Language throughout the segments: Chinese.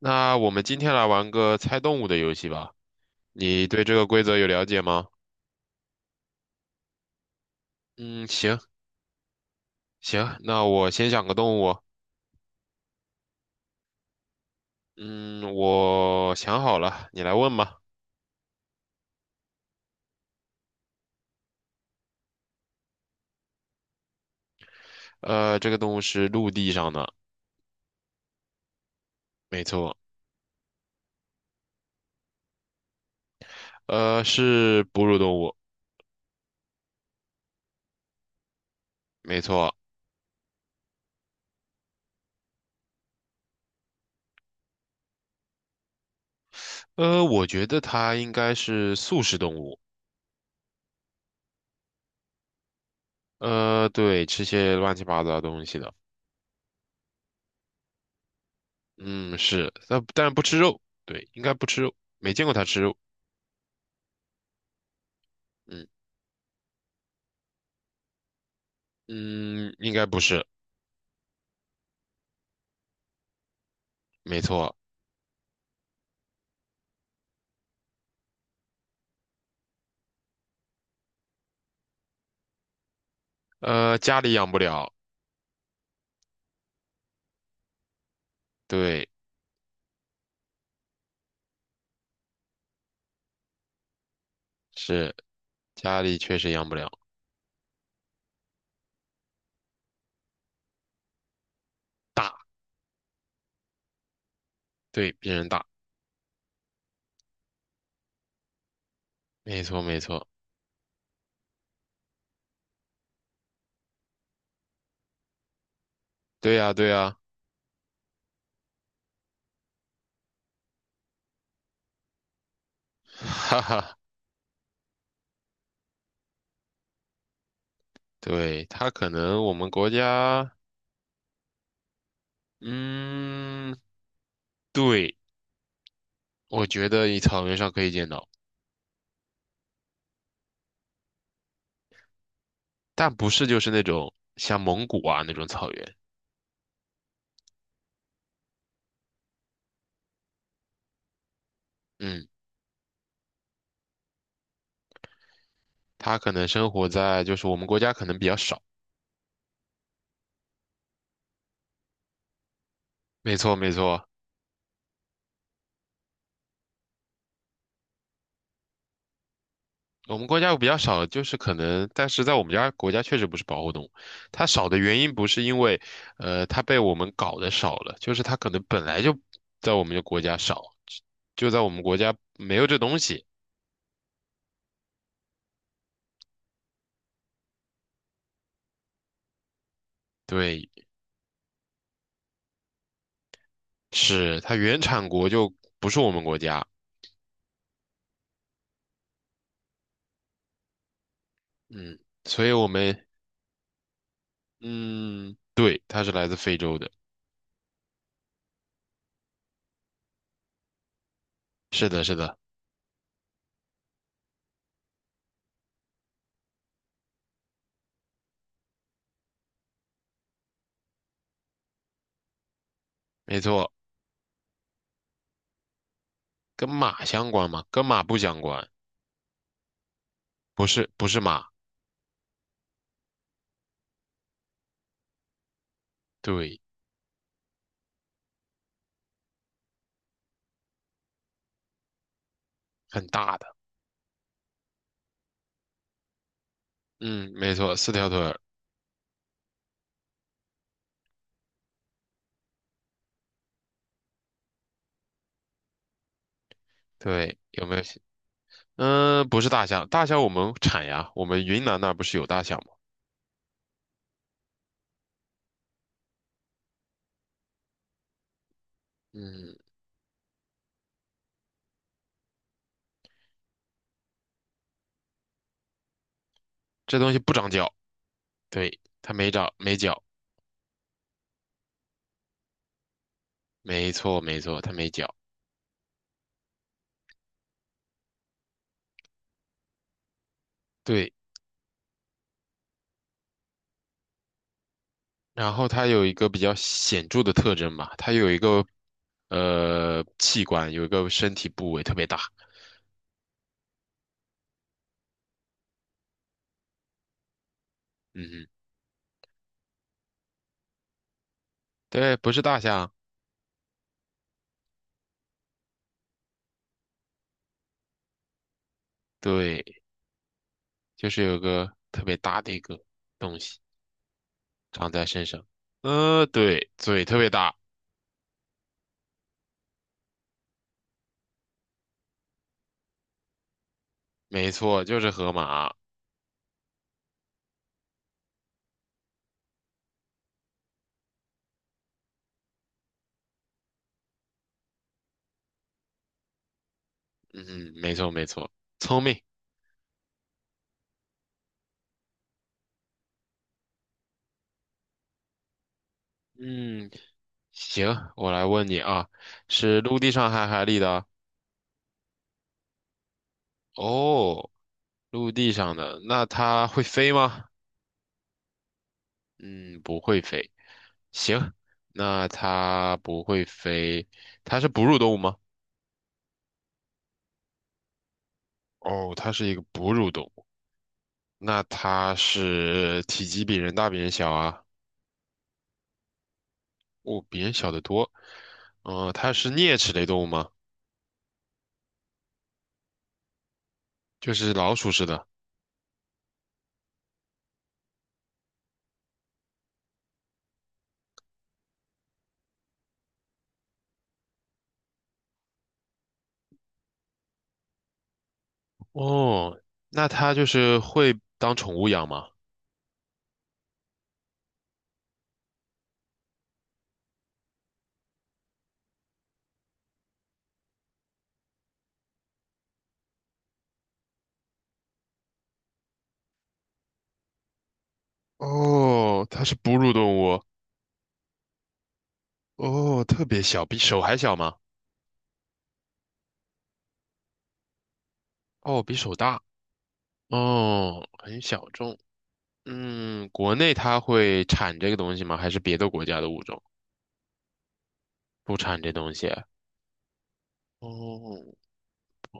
那我们今天来玩个猜动物的游戏吧。你对这个规则有了解吗？嗯，行行，那我先想个动物。嗯，我想好了，你来问吧。这个动物是陆地上的，没错。是哺乳动物，没错。我觉得它应该是素食动物。呃，对，吃些乱七八糟的东西的。嗯，是，但不吃肉。对，应该不吃肉，没见过它吃肉。嗯嗯，应该不是，没错。家里养不了，对，是家里确实养不了，大，对，比人大，没错没错，对呀对呀，哈哈，对，它可能我们国家，嗯，对，我觉得你草原上可以见到，但不是就是那种像蒙古啊那种草原，嗯，它可能生活在就是我们国家可能比较少，没错没错。我们国家有比较少的，就是可能，但是在我们家国家确实不是保护动物。它少的原因不是因为，呃，它被我们搞得少了，就是它可能本来就在我们的国家少，就在我们国家没有这东西。对，是它原产国就不是我们国家。嗯，所以我们，嗯，对，它是来自非洲的。是的，是的，没错，跟马相关吗？跟马不相关，不是，不是马，对，很大的。嗯，没错，四条腿儿。对，有没有想？嗯、不是大象，大象我们产呀，我们云南那儿不是有大象吗？嗯，这东西不长脚，对，它没长，没脚，没错没错，它没脚，对。然后它有一个比较显著的特征吧，它有一个器官，有一个身体部位特别大。嗯哼对，不是大象，对，就是有个特别大的一个东西长在身上。呃，对，嘴特别大，没错，就是河马。嗯，没错没错，聪明。嗯，行，我来问你啊，是陆地上还是海里的啊？哦，陆地上的，那它会飞吗？嗯，不会飞。行，那它不会飞，它是哺乳动物吗？哦，它是一个哺乳动物。那它是体积比人大，比人小啊？哦，比人小得多。嗯、它是啮齿类动物吗？就是老鼠似的。哦，那它就是会当宠物养吗？哦，它是哺乳动物。哦，特别小，比手还小吗？哦，比手大。哦，很小众。嗯，国内它会产这个东西吗？还是别的国家的物种不产这东西？哦，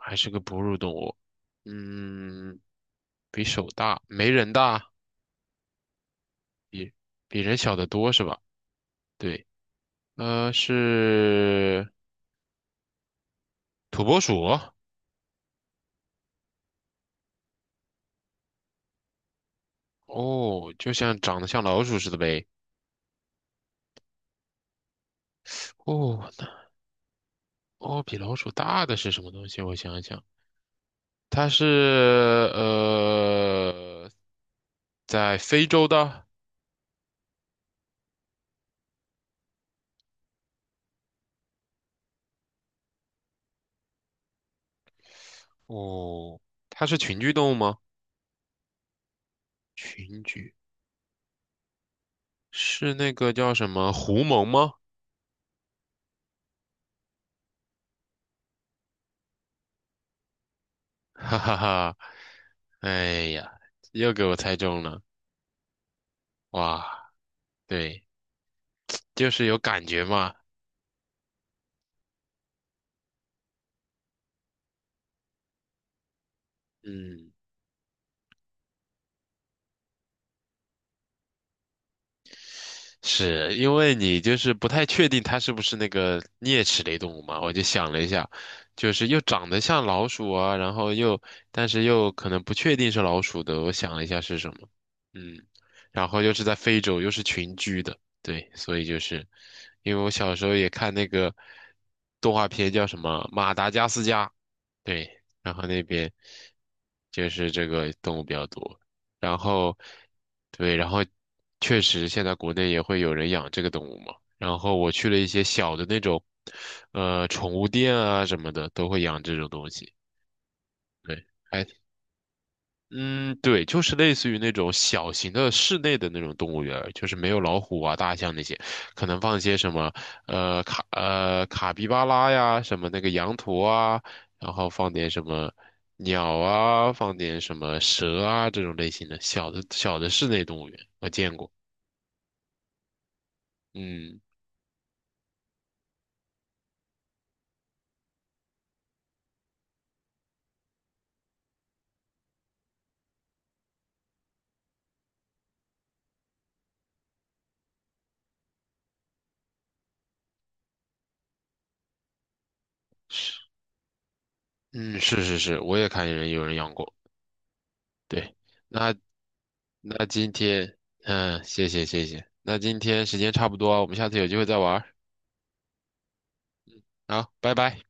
还是个哺乳动物。嗯，比手大，没人大，比比人小得多是吧？对，是土拨鼠。哦，就像长得像老鼠似的呗。哦，那哦，比老鼠大的是什么东西？我想一想，它是呃，在非洲的。哦，它是群居动物吗？群居是那个叫什么狐獴吗？哈哈哈，哎呀，又给我猜中了。哇，对，就是有感觉嘛。嗯。是因为你就是不太确定它是不是那个啮齿类动物嘛，我就想了一下，就是又长得像老鼠啊，然后但是又可能不确定是老鼠的，我想了一下是什么，嗯，然后又是在非洲，又是群居的，对，所以就是因为我小时候也看那个动画片叫什么《马达加斯加》，对，然后那边就是这个动物比较多。然后，对，然后确实现在国内也会有人养这个动物嘛。然后我去了一些小的那种，呃，宠物店啊什么的，都会养这种东西。对，还嗯，对，就是类似于那种小型的室内的那种动物园儿就是没有老虎啊、大象那些，可能放一些什么卡皮巴拉呀，什么那个羊驼啊，然后放点什么鸟啊，放点什么蛇啊这种类型的小的室内动物园，我见过。嗯，是，嗯，是是是，我也看见人有人养过。对，那那今天，嗯，谢谢，那今天时间差不多啊，我们下次有机会再玩儿好，拜拜。